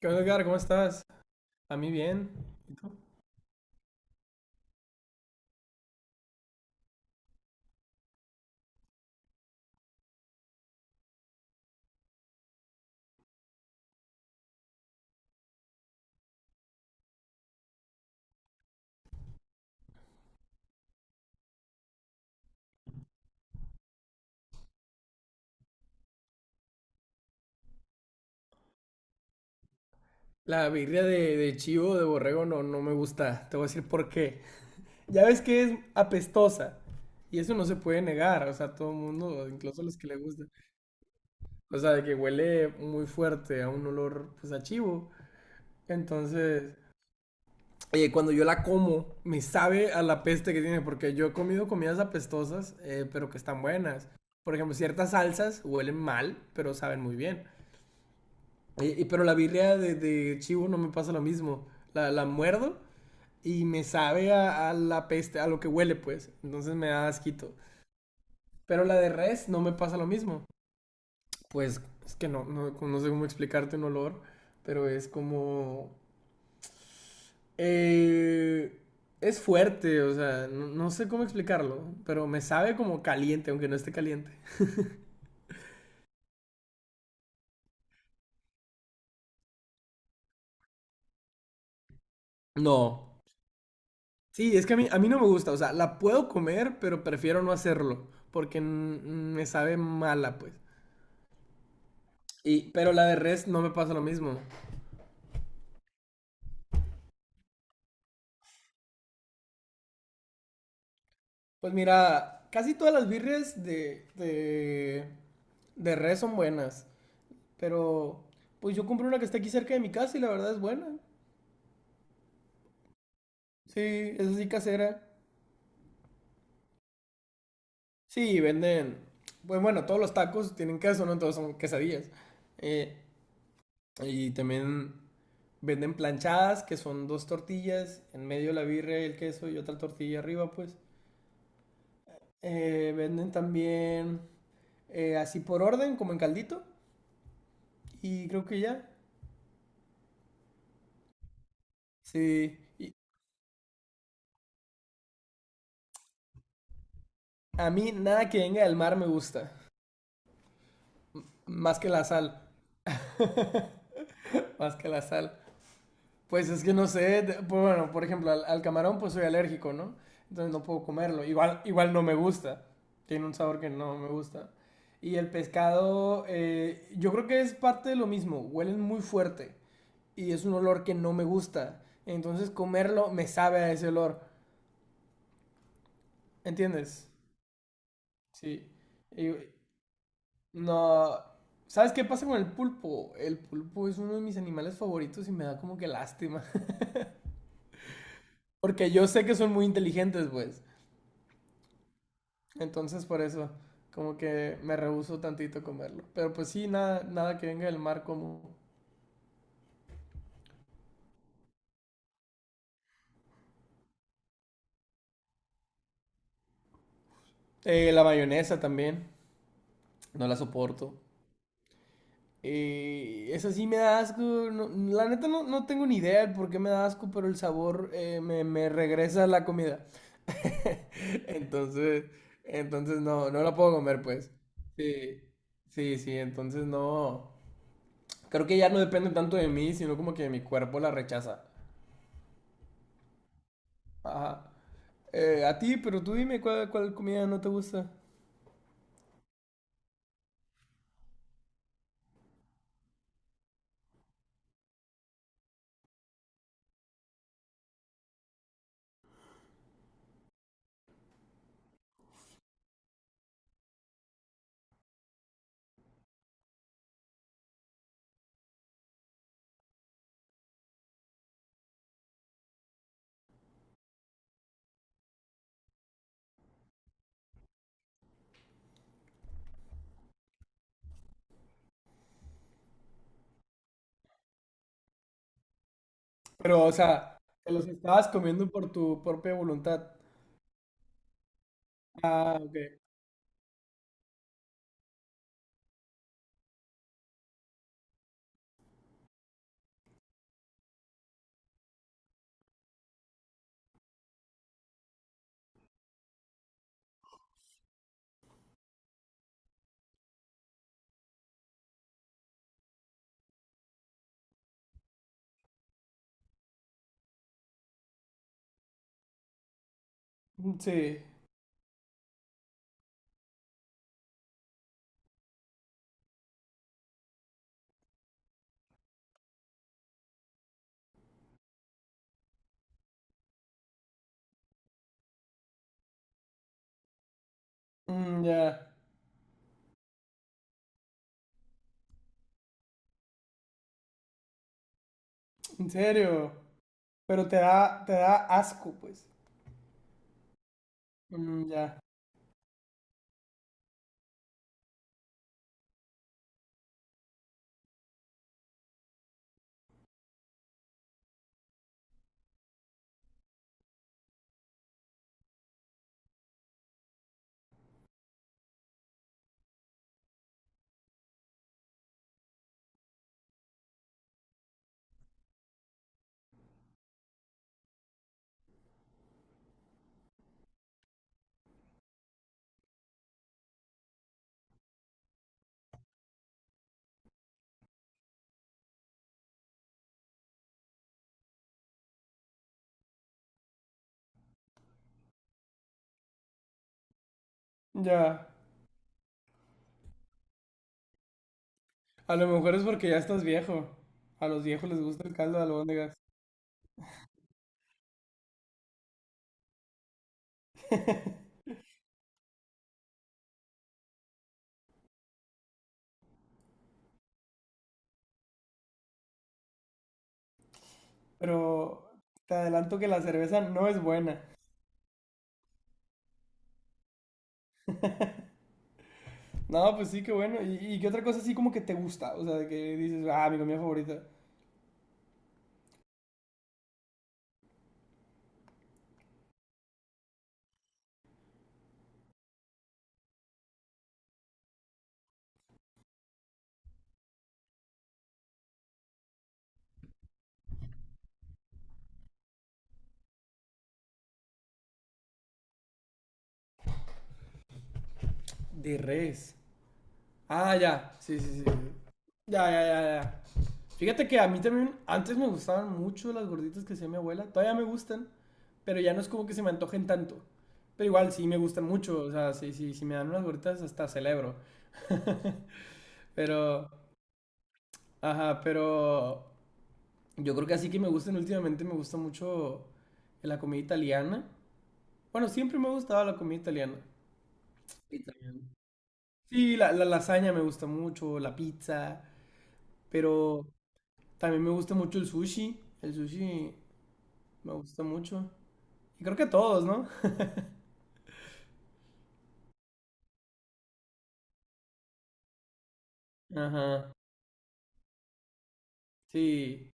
¿Qué onda, Edgar? ¿Cómo estás? A mí bien. ¿Y tú? La birria de chivo, de borrego, no, no me gusta. Te voy a decir por qué. Ya ves que es apestosa. Y eso no se puede negar. O sea, todo el mundo, incluso los que le gusta. O sea, de que huele muy fuerte a un olor, pues, a chivo. Entonces, oye, cuando yo la como, me sabe a la peste que tiene. Porque yo he comido comidas apestosas, pero que están buenas. Por ejemplo, ciertas salsas huelen mal, pero saben muy bien. Pero la birria de chivo no me pasa lo mismo. La muerdo y me sabe a la peste, a lo que huele, pues. Entonces me da asquito. Pero la de res no me pasa lo mismo. Pues es que no, no, no sé cómo explicarte un olor, pero es como, eh, es fuerte, o sea, no, no sé cómo explicarlo, pero me sabe como caliente, aunque no esté caliente. No. Sí, es que a mí no me gusta, o sea, la puedo comer, pero prefiero no hacerlo, porque me sabe mala, pues. Y, pero la de res no me pasa lo mismo. Pues mira, casi todas las birres de res son buenas. Pero pues yo compré una que está aquí cerca de mi casa y la verdad es buena. Sí, es así casera. Sí, venden. Pues bueno, todos los tacos tienen queso, ¿no? Entonces son quesadillas. Eh, y también venden planchadas, que son dos tortillas, en medio la birra, el queso y otra tortilla arriba, pues. Venden también así por orden, como en caldito. Y creo que ya. Sí. Y a mí nada que venga del mar me gusta. Más que la sal. Más que la sal. Pues es que no sé. Pues bueno, por ejemplo, al camarón pues soy alérgico, ¿no? Entonces no puedo comerlo. Igual, igual no me gusta. Tiene un sabor que no me gusta. Y el pescado, yo creo que es parte de lo mismo. Huelen muy fuerte. Y es un olor que no me gusta. Entonces comerlo me sabe a ese olor. ¿Entiendes? Sí. Y- No, ¿sabes qué pasa con el pulpo? El pulpo es uno de mis animales favoritos y me da como que lástima. Porque yo sé que son muy inteligentes, pues. Entonces por eso, como que me rehúso tantito a comerlo. Pero pues sí, nada, nada que venga del mar como. La mayonesa también, no la soporto. Esa sí me da asco. La neta no, no tengo ni idea de por qué me da asco, pero el sabor me regresa a la comida. Entonces, entonces no, no la puedo comer, pues. Sí, sí, sí, entonces no. Creo que ya no depende tanto de mí, sino como que mi cuerpo la rechaza. Ajá. A ti, pero tú dime cuál, cuál comida no te gusta. Pero, o sea, te los estabas comiendo por tu propia voluntad. Ah, ok. Mm, sí. Mm, ya. En serio. Pero te da asco, pues. Mm, ya. Ya. A lo mejor es porque ya estás viejo. A los viejos les gusta el caldo de albóndigas. Pero te adelanto que la cerveza no es buena. No, pues sí, qué bueno. ¿Y qué otra cosa así como que te gusta? O sea, de que dices, ah, mi comida favorita. De res. Ah, ya. Sí, sí, sí. Ya, ya, ya, ya. Fíjate que a mí también antes me gustaban mucho las gorditas que hacía mi abuela. Todavía me gustan, pero ya no es como que se me antojen tanto. Pero igual sí me gustan mucho. O sea, sí, sí, si me dan unas gorditas hasta celebro. Pero. Ajá, pero yo creo que así que me gustan últimamente, me gusta mucho la comida italiana. Bueno, siempre me ha gustado la comida italiana. Italiana. Sí, la lasaña me gusta mucho, la pizza, pero también me gusta mucho el sushi. El sushi me gusta mucho. Y creo que todos, ¿no? Ajá, sí.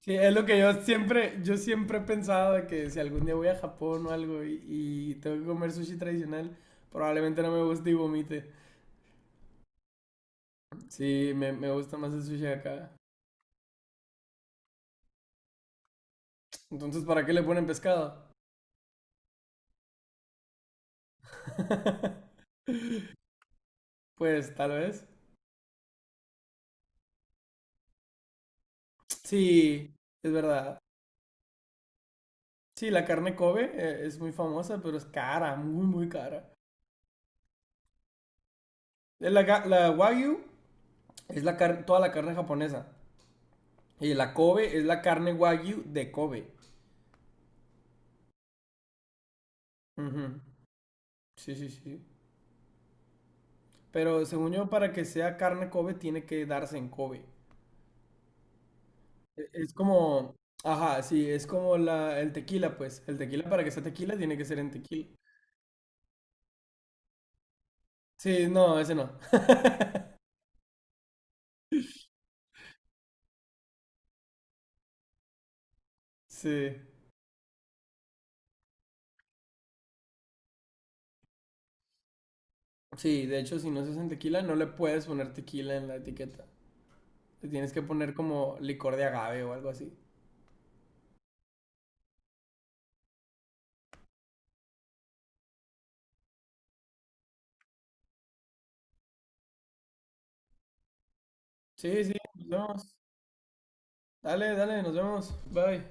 Sí, es lo que yo siempre he pensado de que si algún día voy a Japón o algo y tengo que comer sushi tradicional, probablemente no me guste y vomite. Sí, me gusta más el sushi de acá. Entonces, ¿para qué le ponen pescado? Pues tal vez. Sí, es verdad. Sí, la carne Kobe es muy famosa, pero es cara, muy, muy cara. La Wagyu es toda la carne japonesa. Y la Kobe es la carne Wagyu de Kobe. Ujú. Sí, sí, sí. Pero según yo, para que sea carne Kobe, tiene que darse en Kobe. Es como, ajá, sí, es como la, el tequila, pues. El tequila para que sea tequila tiene que ser en tequila. Sí, no, ese no. Sí. Sí, de hecho, si no se hace en tequila, no le puedes poner tequila en la etiqueta. Le tienes que poner como licor de agave o algo así. Sí, sí, nos vemos. Dale, dale, nos vemos. Bye.